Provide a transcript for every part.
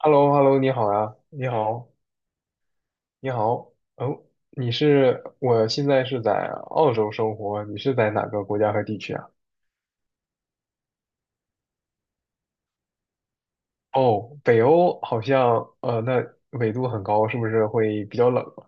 h e l l o h e l l o 你好呀，你好，你好，哦，我现在是在澳洲生活，你是在哪个国家和地区啊？哦，北欧好像，那纬度很高，是不是会比较冷啊。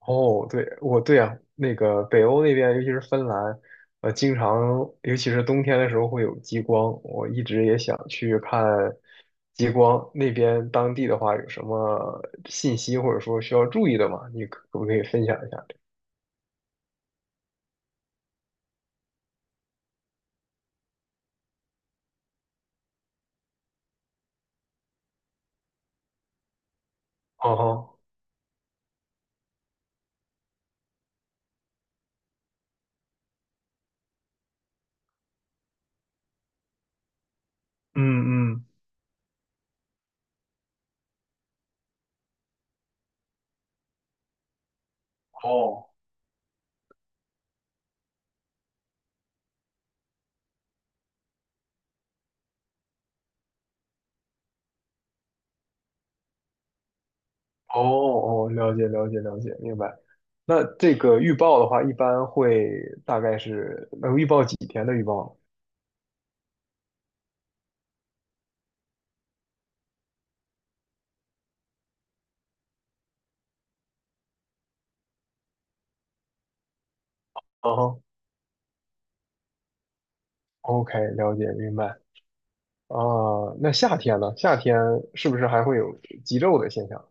哦，对，我对啊，那个北欧那边，尤其是芬兰，呃，经常，尤其是冬天的时候会有极光，我一直也想去看极光。那边当地的话，有什么信息或者说需要注意的吗？你可不可以分享一下这个？哦。嗯嗯。哦哦哦，了解了解了解，明白。那这个预报的话，一般会大概是能预报几天的预报呢？啊哈，OK，了解明白。啊，那夏天呢？夏天是不是还会有极昼的现象？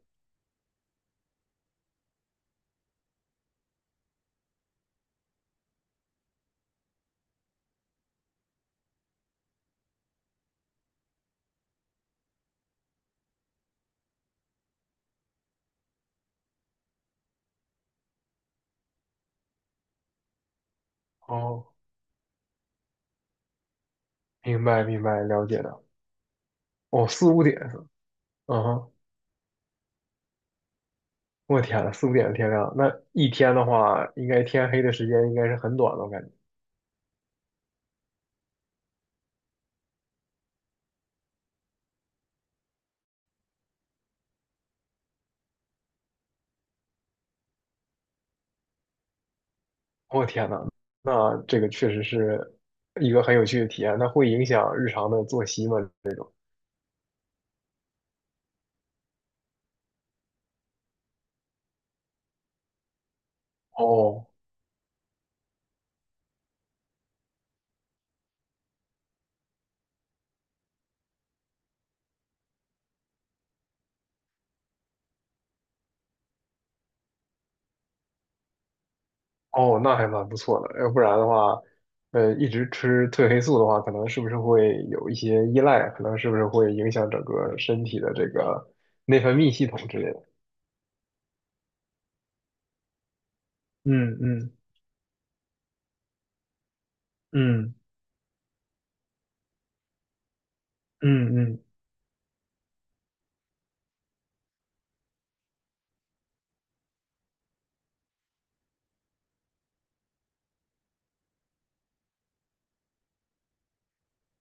哦，明白明白，了解的。哦，四五点是吧，嗯哼。我天呐，四五点的天亮，那一天的话，应该天黑的时间应该是很短的，我感觉。我天呐，那这个确实是一个很有趣的体验。那会影响日常的作息吗？这种？哦哦，那还蛮不错的。要不然的话，一直吃褪黑素的话，可能是不是会有一些依赖？可能是不是会影响整个身体的这个内分泌系统之类的？嗯嗯嗯嗯嗯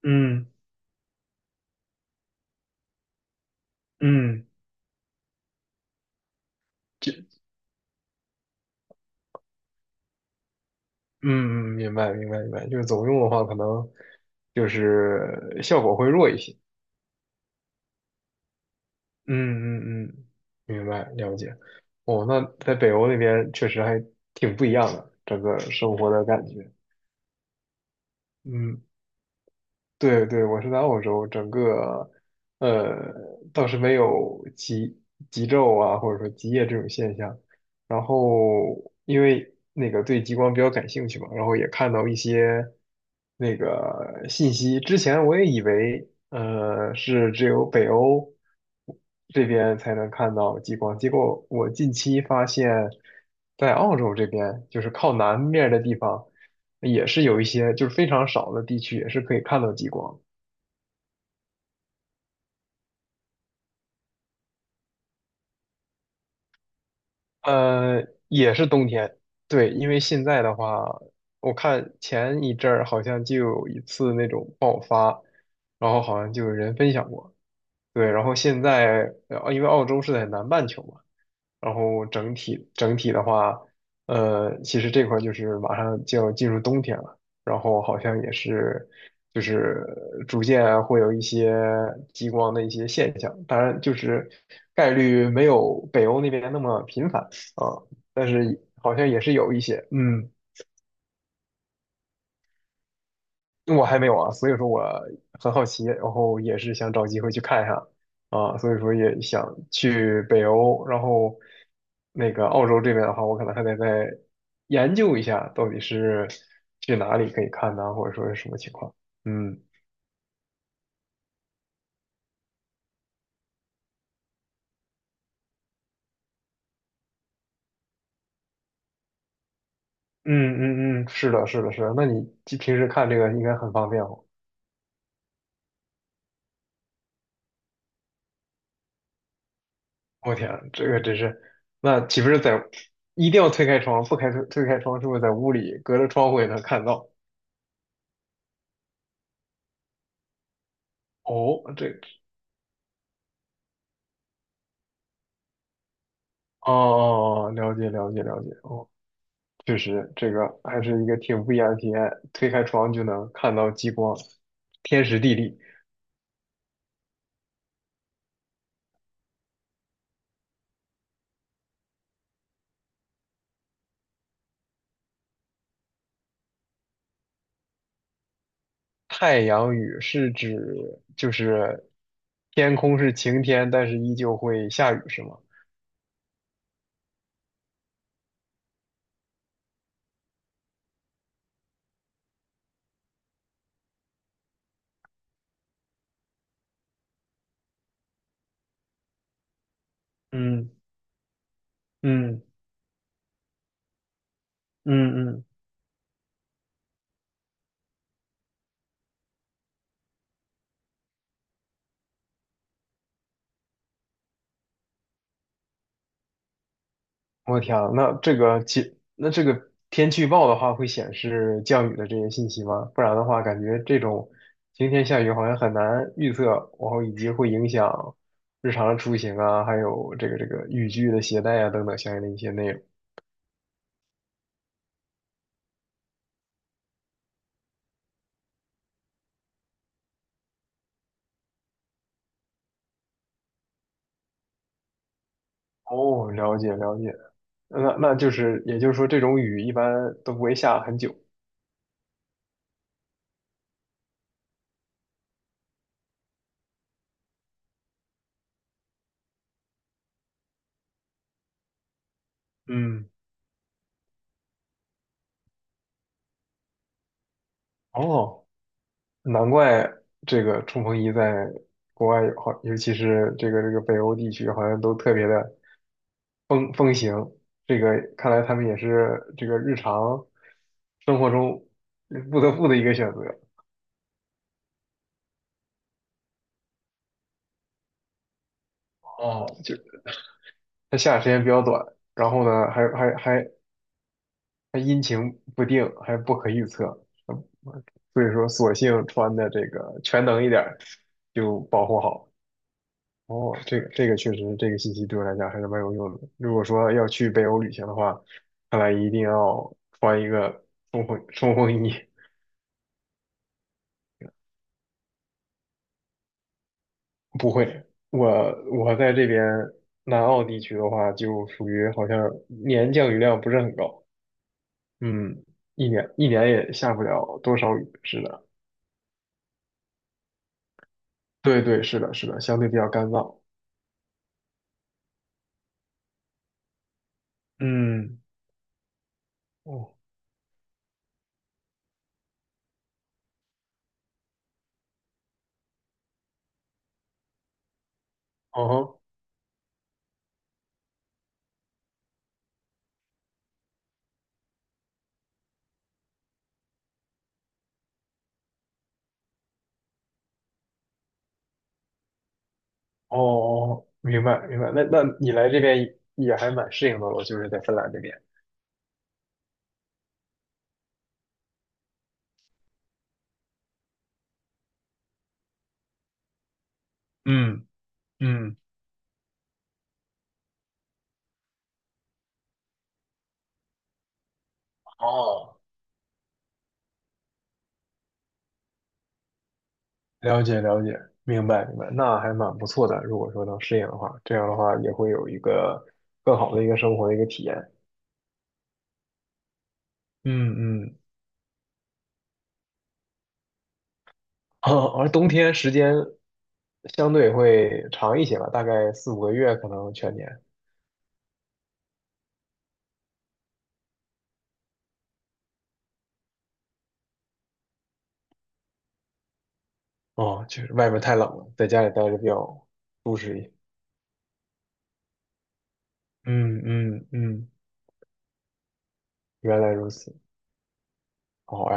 嗯嗯，就嗯嗯，明白明白明白。就是总用的话，可能就是效果会弱一些。嗯嗯嗯，明白，了解。哦，那在北欧那边确实还挺不一样的，整个生活的感觉。嗯，对对，我是在澳洲，整个呃倒是没有极昼啊，或者说极夜这种现象。然后因为那个对极光比较感兴趣嘛，然后也看到一些那个信息。之前我也以为是只有北欧这边才能看到极光，结果我近期发现，在澳洲这边就是靠南面的地方。也是有一些就是非常少的地区也是可以看到极光，也是冬天，对，因为现在的话，我看前一阵儿好像就有一次那种爆发，然后好像就有人分享过，对，然后现在，因为澳洲是在南半球嘛，然后整体的话，其实这块儿就是马上就要进入冬天了，然后好像也是就是逐渐啊会有一些极光的一些现象，当然就是概率没有北欧那边那么频繁啊，但是好像也是有一些，嗯。我还没有啊，所以说我很好奇，然后也是想找机会去看一下啊，所以说也想去北欧，然后那个澳洲这边的话，我可能还得再研究一下，到底是去哪里可以看呢，或者说是什么情况。嗯嗯嗯嗯，是的，是的，是的。那你平时看这个应该很方便哦。我天，这个真是，那岂不是在一定要推开窗，不开推开窗，是不是在屋里隔着窗户也能看到？哦，哦哦哦，了解了解了解，哦，确实这个还是一个挺不一样的体验。推开窗就能看到极光，天时地利。太阳雨是指就是天空是晴天，但是依旧会下雨，是吗？嗯嗯嗯嗯。我天啊，那这个天气预报的话，会显示降雨的这些信息吗？不然的话，感觉这种晴天下雨好像很难预测，然后以及会影响日常的出行啊，还有这个雨具的携带啊等等相应的一些内容。哦，了解了解，那就是也就是说，这种雨一般都不会下很久。嗯，哦，难怪这个冲锋衣在国外好，尤其是这个北欧地区，好像都特别的。风行，这个看来他们也是这个日常生活中不得不的一个选择。哦，就它下的时间比较短，然后呢，还阴晴不定，还不可预测，嗯所以说索性穿的这个全能一点儿，就保护好。哦，这个确实，这个信息对我来讲还是蛮有用的。如果说要去北欧旅行的话，看来一定要穿一个冲锋衣。不会，我在这边南澳地区的话，就属于好像年降雨量不是很高，嗯，一年一年也下不了多少雨，是的，对对，是的，是的，相对比较干燥，嗯，哦，哦，哦，哦，明白明白，那你来这边也还蛮适应的了，就是在芬兰这边，嗯嗯，哦，了解了解，明白明白，那还蛮不错的，如果说能适应的话，这样的话也会有一个更好的一个生活的一个体验。嗯嗯，而冬天时间相对会长一些吧，大概4、5个月，可能全年。哦，就是外面太冷了，在家里待着比较舒适一些。嗯嗯嗯，原来如此。好呀。哎